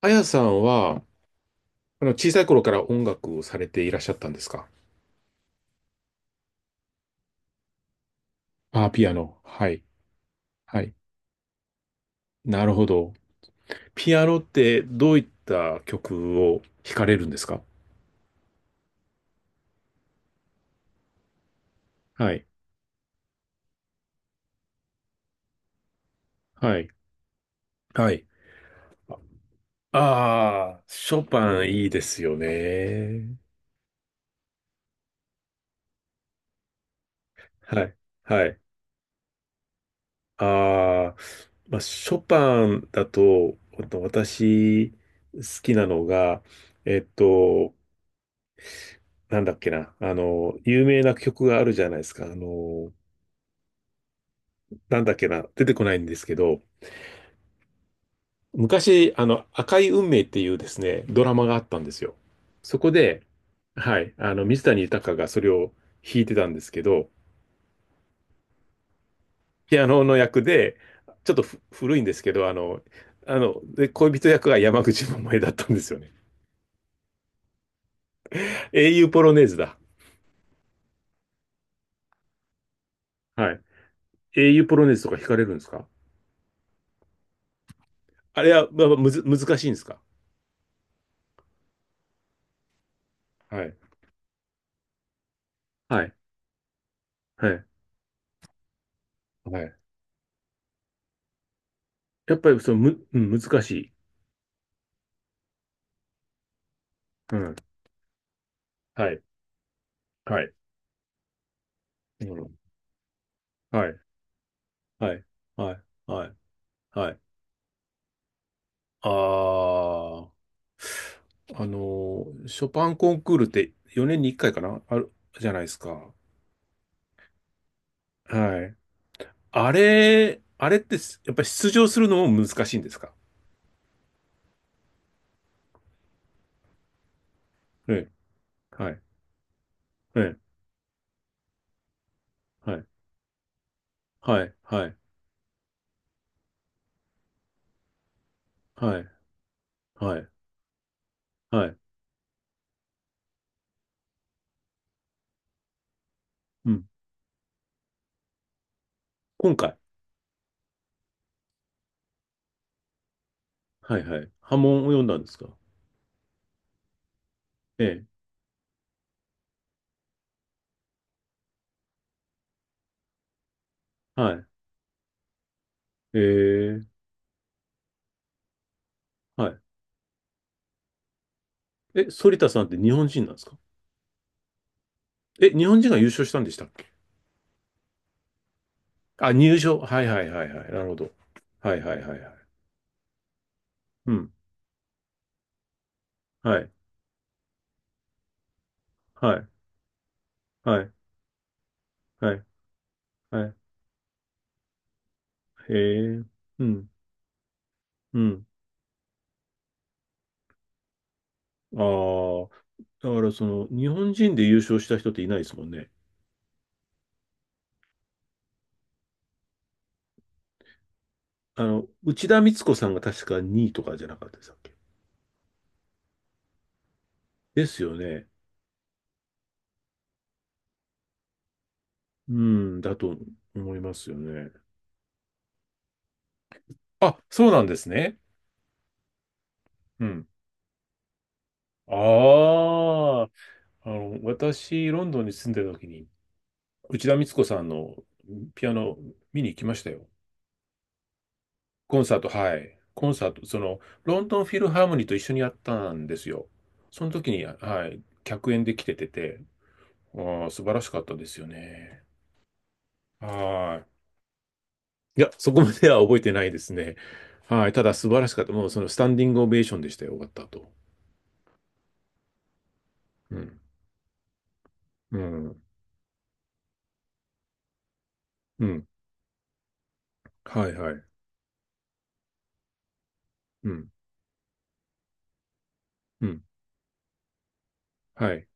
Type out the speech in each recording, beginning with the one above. あやさんは、小さい頃から音楽をされていらっしゃったんですか？あ、ピアノ。はい。はい。なるほど。ピアノってどういった曲を弾かれるんですか？はい。はい。はい。ああ、ショパンいいですよね。はい。はい。ああ、まあ、ショパンだと、ほんと私、好きなのが、えっと、なんだっけな、有名な曲があるじゃないですか。なんだっけな、出てこないんですけど、昔、赤い運命っていうですね、ドラマがあったんですよ。そこで、はい、水谷豊がそれを弾いてたんですけど、ピアノの役で、ちょっと古いんですけど、で、恋人役が山口百恵だったんですよね。英雄ポロネーズだ。はい。英雄ポロネーズとか弾かれるんですか？あれは、まあ、まあむず、難しいんですか？はい。はい。はい。はい。やっぱり、その、む、うん、難しい。うん。はい。はい。うん。はい。はい、はい、はい、はい。ああ、ショパンコンクールって4年に1回かなある、じゃないですか。はい。あれってやっぱり出場するのも難しいんですか？ええ、はい、ええ、はい、はい、はい、はい、はい、はい、うん。今回、はい、はい。波紋を読んだんですか？ええ、はい、ええ、はい。え、反田さんって日本人なんですか？え、日本人が優勝したんでしたっけ？あ、入賞、はいはいはいはい。なるほど。はいはいはいはい。うん。はい。はい。はい。はい。はい。へえ。うん。うん。ああ。だからその、日本人で優勝した人っていないですもんね。あの、内田光子さんが確か2位とかじゃなかったでしたっけ？ですよね。うん。だと思いますよね。あ、そうなんですね。うん。ああ。あの、私、ロンドンに住んでた時に、内田光子さんのピアノ見に行きましたよ。コンサート、はい。コンサート、その、ロンドンフィルハーモニーと一緒にやったんですよ。その時に、はい、客演で来てて、ああ、素晴らしかったですよね。はい。いや、そこまでは覚えてないですね。はい。ただ、素晴らしかった。もう、その、スタンディングオベーションでしたよ。終わった後。うん。うん。うん。はい、はい。うん。うん。はい。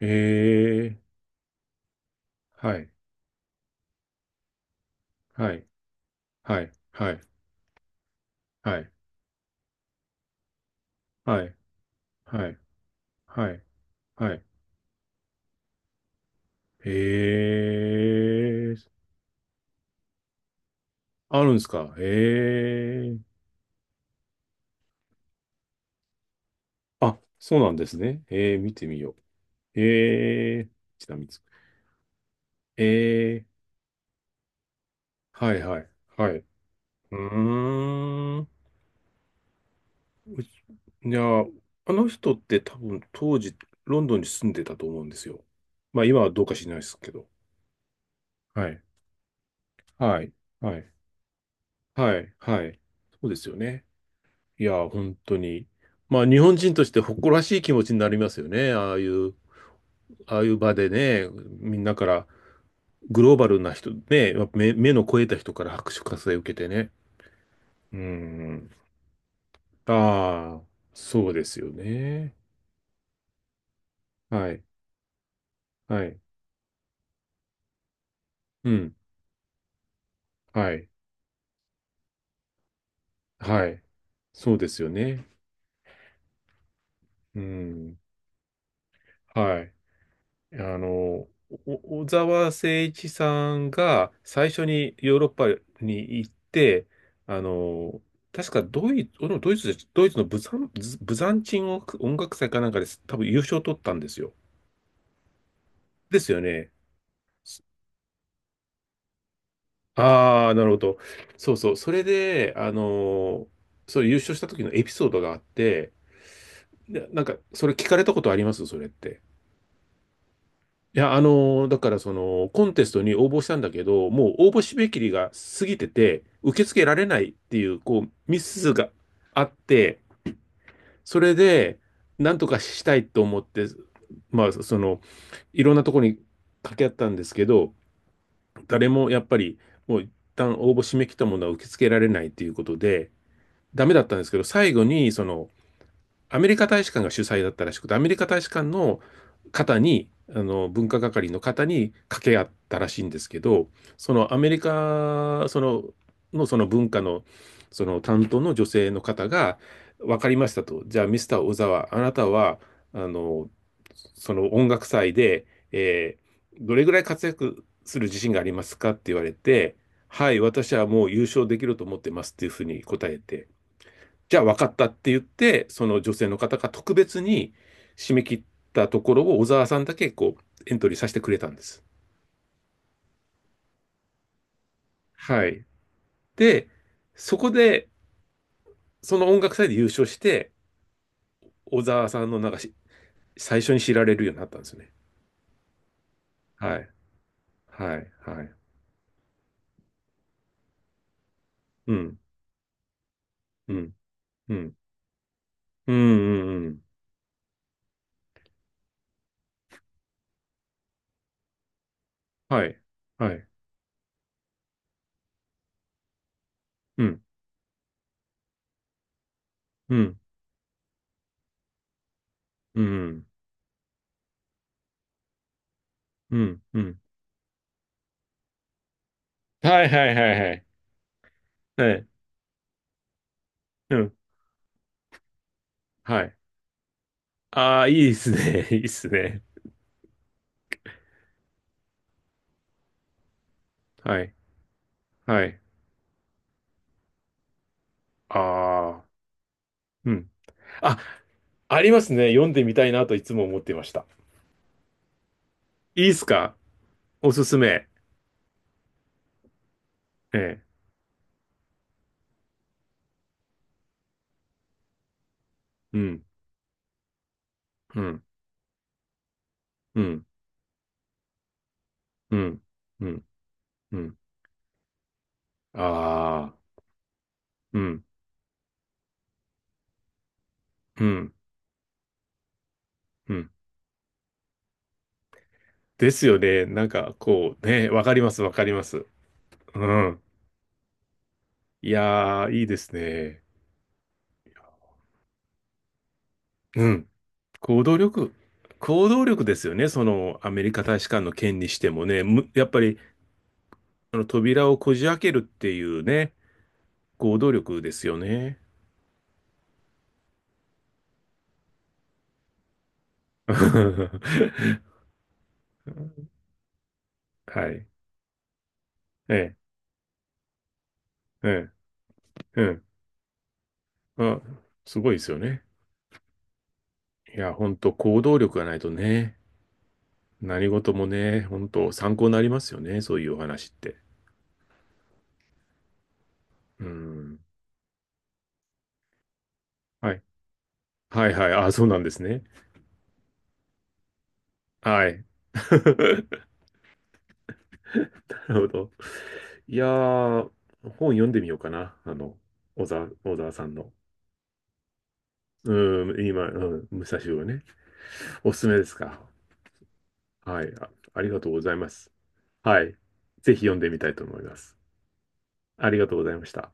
ええ。はい。はい。はい。はい。はい。はい。はい。はい。はい。ええ、あるんですか？へえ。あ、そうなんですね。ええ、見てみよう。ええ、ちなみに。ええ、はいはい。はい。うーん。うちいや、あの人って多分当時、ロンドンに住んでたと思うんですよ。まあ今はどうか知らないですけど。はい。はい。はい。はい。はい。そうですよね。いや、本当に。まあ日本人として誇らしい気持ちになりますよね。ああいう、ああいう場でね、みんなから、グローバルな人、ね、やっぱ目の肥えた人から拍手喝采を受けてね。うん。ああ、そうですよね。はい。はい。うん。はい。はい。そうですよね。うん。はい。あの、お小沢誠一さんが最初にヨーロッパに行って、あの、確かドイツ、ドイツで、ドイツのブザン、ブザンチン音楽祭かなんかです。多分優勝を取ったんですよ。ですよね。ああ、なるほど。そうそう。それで、ーそれ優勝した時のエピソードがあって、でそれ聞かれたことありますそれって？いや、だからその、コンテストに応募したんだけど、もう応募締め切りが過ぎてて、受け付けられないっていう、こう、ミスがあって、それで、なんとかしたいと思って、まあ、その、いろんなとこに掛け合ったんですけど、誰もやっぱり、もう一旦応募締め切ったものは受け付けられないっていうことで、ダメだったんですけど、最後に、その、アメリカ大使館が主催だったらしくて、アメリカ大使館の方に、文化係の方に掛け合ったらしいんですけど、そのアメリカ、その、のその文化の、その担当の女性の方が、分かりましたと。じゃあ、ミスター小沢、あなたは、あの、その音楽祭で、えーどれぐらい活躍する自信がありますかって言われて、はい、私はもう優勝できると思ってますっていうふうに答えて、じゃあ分かったって言って、その女性の方が特別に締め切ったところを小沢さんだけこうエントリーさせてくれたんです。はい。で、そこで、その音楽祭で優勝して、小沢さんのなんかし最初に知られるようになったんですよね。はい。はい。はい。うん。うん。うん。うん。うん。うん、はい。はい。うん。うん。うん。うん。うん。はいはいはいはい。はい。うん。はい。ああ、いいですね。いいですね。はい。はい。ああ、うん。あ、ありますね。読んでみたいなといつも思っていました。いいですか？おすすめ。ええ。うん、うん、うん、うん、うん、うん。ああ、うん、うん、うん。ですよね。なんか、こう、ね、わかります、わかります。うん。いやー、いいですね。うん。行動力。行動力ですよね。その、アメリカ大使館の件にしてもね。やっぱり、扉をこじ開けるっていうね、行動力ですよね。はい。ええ、ええ、うん。あ、すごいですよね。いや、本当行動力がないとね、何事もね、本当参考になりますよね。そういうお話って。うん。はい。はいはい。あ、そうなんですね。はい。なるほど。いやー、本読んでみようかな。小沢さんの。うん、今、うん、武蔵をね。おすすめですか？はい。あ、ありがとうございます。はい。ぜひ読んでみたいと思います。ありがとうございました。